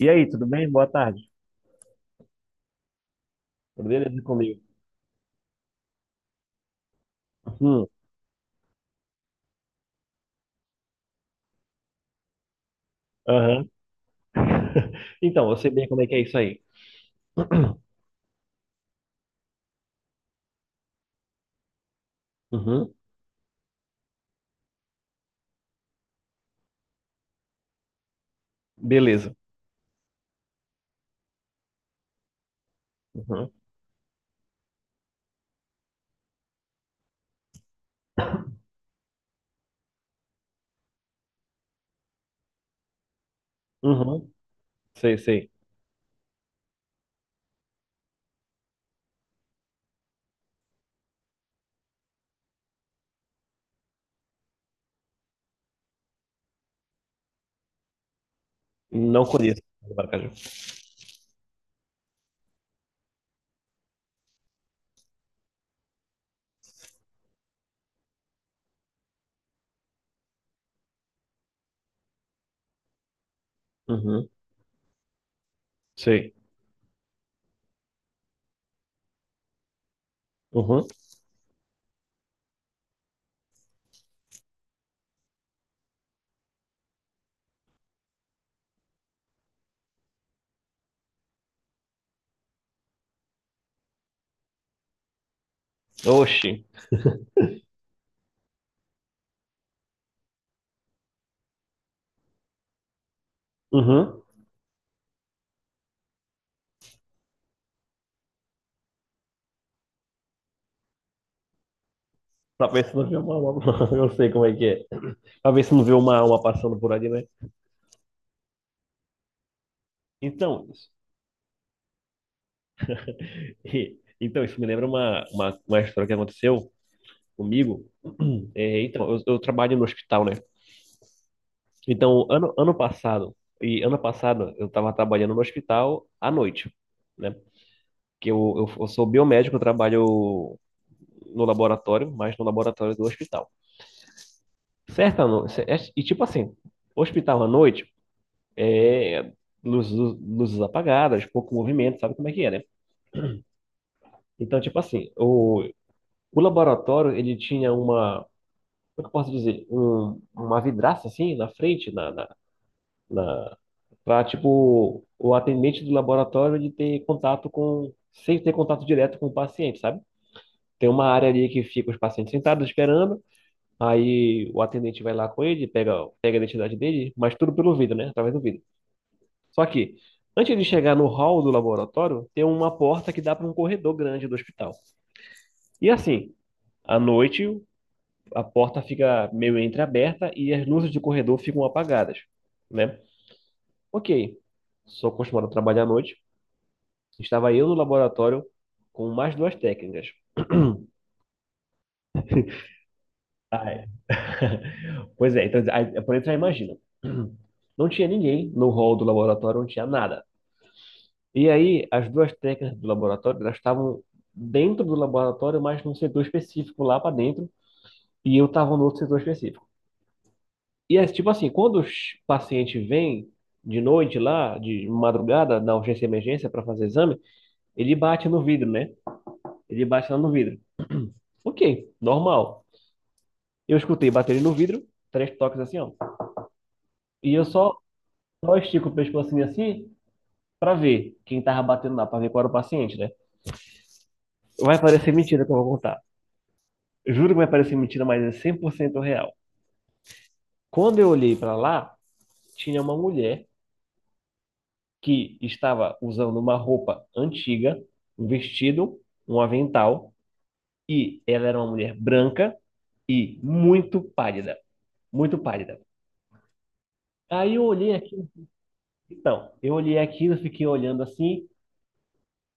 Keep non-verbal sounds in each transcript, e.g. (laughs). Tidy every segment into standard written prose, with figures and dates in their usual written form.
E aí, tudo bem? Boa tarde. Tudo beleza comigo? Hum, aham. (laughs) Então, eu sei bem como é que é isso aí. (coughs) (clears throat) Uhum, beleza. Uhum, uhum, sei, sei. Não conheço o Maracaju. Uhum, sei. Uhum, oxi. Uhum, pra ver se não vê uma. (laughs) Eu sei como é que é. Pra ver se não vê uma passando por ali, né? Então, isso. (laughs) Então, isso me lembra uma história que aconteceu comigo. (coughs) (clears throat) É, então, eu trabalho no hospital, né? Então, ano passado eu estava trabalhando no hospital à noite, né? Que eu sou biomédico, eu trabalho no laboratório, mas no laboratório do hospital. Certa noite, e tipo assim, hospital à noite, é, luzes, luzes apagadas, pouco movimento, sabe como é que é, né? Então, tipo assim, o laboratório, ele tinha uma, como é que eu posso dizer? Uma vidraça assim na frente, na, na, na para tipo o atendente do laboratório ele ter contato com sem ter contato direto com o paciente, sabe? Tem uma área ali que fica os pacientes sentados esperando, aí o atendente vai lá com ele, pega a identidade dele, mas tudo pelo vidro, né? Através do vidro. Só que antes de chegar no hall do laboratório, tem uma porta que dá para um corredor grande do hospital. E assim, à noite, a porta fica meio entreaberta e as luzes de corredor ficam apagadas, né? Ok, sou acostumado a trabalhar à noite. Estava eu no laboratório com mais duas técnicas. Ah, é. (laughs) Pois é, então, aí, por dentro já imagina. (clears throat) Não tinha ninguém no hall do laboratório, não tinha nada. E aí, as duas técnicas do laboratório, elas estavam dentro do laboratório, mas num setor específico lá para dentro, e eu estava no outro setor específico. E é tipo assim, quando os pacientes vêm de noite lá, de madrugada, na urgência e emergência para fazer exame, ele bate no vidro, né? Ele bate lá no vidro. Ok, normal. Eu escutei baterem no vidro, três toques assim, ó. E eu só estico o pescoço assim, assim, pra ver quem tava batendo lá, pra ver qual era o paciente, né? Vai parecer mentira que eu vou contar. Juro que vai parecer mentira, mas é 100% real. Quando eu olhei pra lá, tinha uma mulher que estava usando uma roupa antiga, um vestido, um avental, e ela era uma mulher branca e muito pálida, muito pálida. Aí eu olhei aqui, então, eu olhei aquilo, fiquei olhando assim.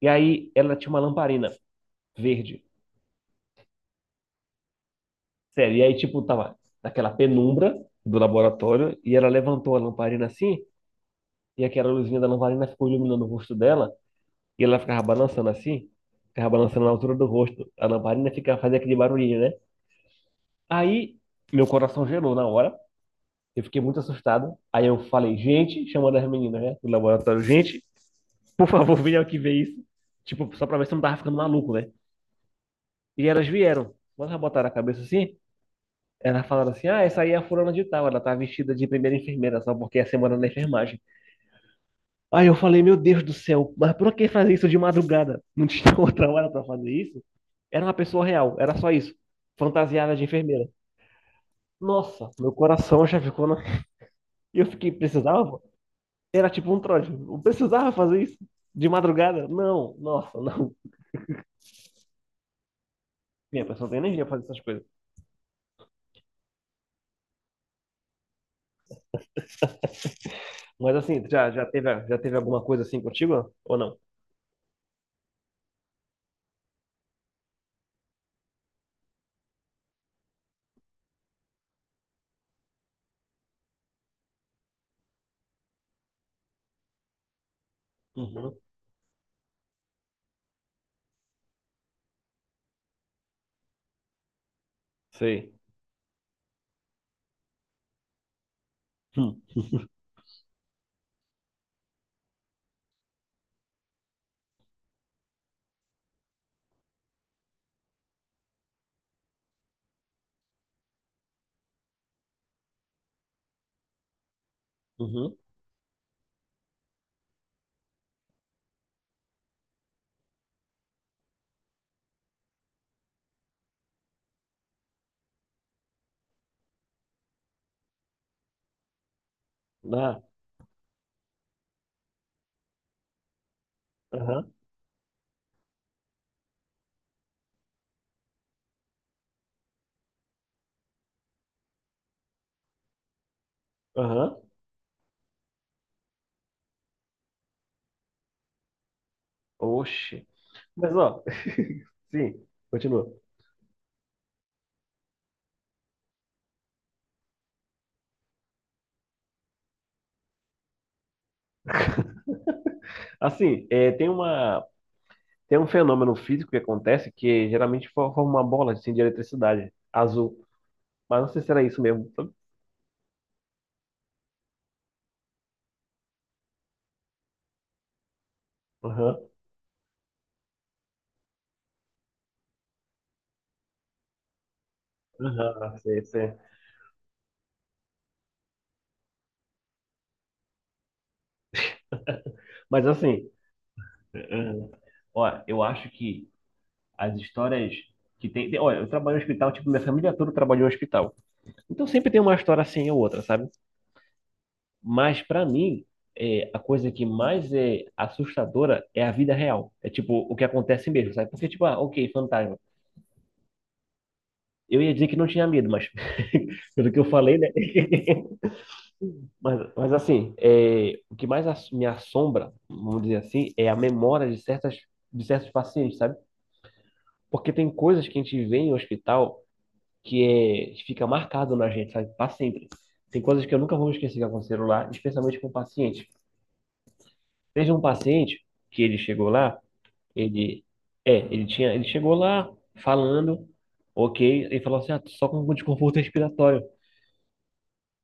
E aí ela tinha uma lamparina verde. Sério. E aí, tipo, tava naquela penumbra do laboratório e ela levantou a lamparina assim e aquela luzinha da lamparina ficou iluminando o rosto dela e ela ficava balançando assim. Ficava balançando na altura do rosto. A lamparina ficava fazendo aquele barulhinho, né? Aí meu coração gelou na hora. Eu fiquei muito assustado. Aí eu falei, gente, chamando as meninas, né, do laboratório, gente, por favor, venham aqui ver isso. Tipo, só pra ver se eu não tava ficando maluco, né? E elas vieram. Quando elas botaram a cabeça assim, ela falando assim, ah, essa aí é a fulana de tal, ela tá vestida de primeira enfermeira, só porque é semana na enfermagem. Aí eu falei, meu Deus do céu, mas por que fazer isso de madrugada? Não tinha (laughs) outra hora pra fazer isso? Era uma pessoa real, era só isso. Fantasiada de enfermeira. Nossa, meu coração já ficou na... (laughs) E eu fiquei, precisava? Era tipo um trote. Não precisava fazer isso? De madrugada? Não, nossa, não. (laughs) Minha pessoa não tem energia pra fazer essas coisas. Mas assim, já, já teve alguma coisa assim contigo? Ou não? Uhum. Sei. Hum. Uhum. Ah. Aham. Aham. Oxe. Mas, ó, (laughs) sim, continua. Assim, é, tem uma, tem um fenômeno físico que acontece que geralmente forma uma bola assim, de eletricidade azul. Mas não sei se era isso mesmo, sabe? Aham, aham, sei, sei. Mas, assim, aham. Olha, eu acho que as histórias que Olha, eu trabalho no hospital, tipo, minha família toda trabalhou em hospital. Então sempre tem uma história assim ou outra, sabe? Mas para mim, é, a coisa que mais é assustadora é a vida real. É tipo o que acontece mesmo, sabe? Porque tipo, ah, ok, fantasma. Eu ia dizer que não tinha medo, mas (laughs) pelo que eu falei, né? (laughs) Mas assim, é, o que mais me assombra, vamos dizer assim, é a memória de certas, de certos pacientes, sabe? Porque tem coisas que a gente vê em hospital que é, fica marcado na gente, sabe? Para sempre. Tem coisas que eu nunca vou esquecer que aconteceram lá, especialmente com pacientes. Teve um paciente que ele chegou lá Ele, é, ele tinha, ele chegou lá falando, ok, ele falou assim, ah, só com um desconforto respiratório.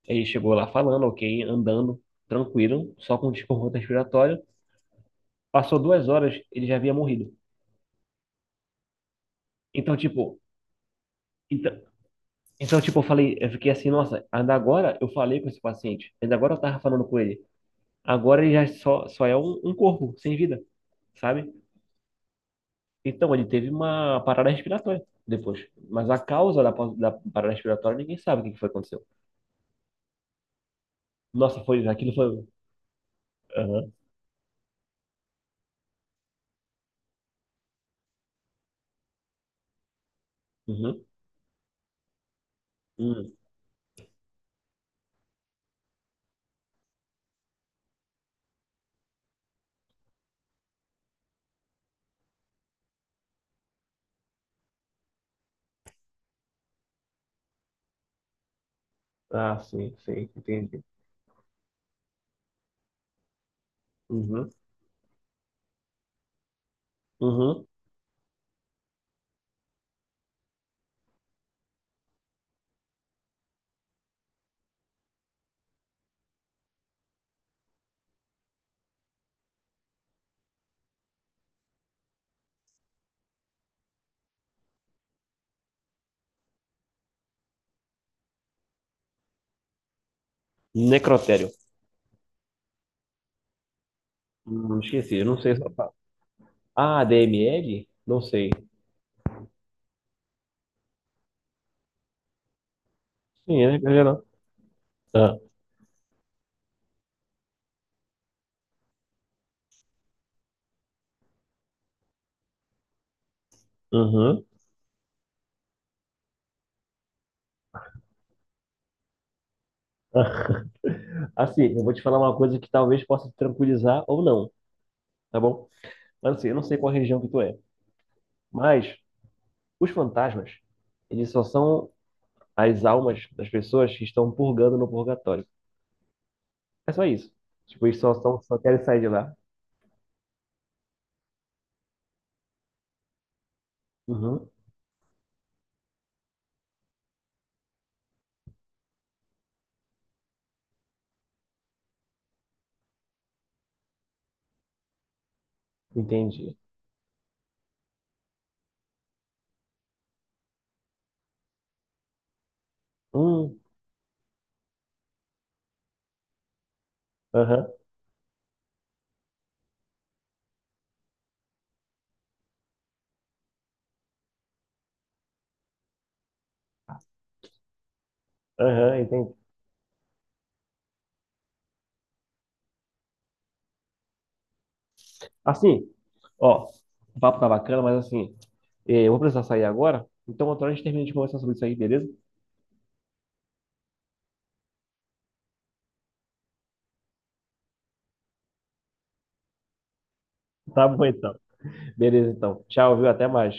Ele chegou lá falando, ok, andando, tranquilo, só com um desconforto respiratório. Passou 2 horas, ele já havia morrido. Então, tipo, então, então, tipo, eu falei, eu fiquei assim, nossa, ainda agora eu falei com esse paciente, ainda agora eu tava falando com ele. Agora ele já só é um corpo sem vida, sabe? Então, ele teve uma parada respiratória depois. Mas a causa da parada respiratória ninguém sabe o que que foi que aconteceu. Nossa, foi, aquilo foi. Aham. Uhum. Hum. Ah, sim, sim, entendi. Uhum. Uhum. Necrotério. Esqueci, eu não sei se eu falo. Ah, DML? Não sei. Sim, é geral. Ah, uhum. (laughs) Assim, eu vou te falar uma coisa que talvez possa te tranquilizar ou não, tá bom? Mas assim, eu não sei qual região que tu é, mas os fantasmas, eles só são as almas das pessoas que estão purgando no purgatório. É só isso. Tipo, eles só, são, só querem sair de lá. Uhum, entendi. Hum, aham, aham, entendi. Assim, ó, o papo tá bacana, mas assim, eu vou precisar sair agora. Então, outra hora a gente termina de conversar sobre isso aí, beleza? Tá bom então. Beleza, então. Tchau, viu? Até mais.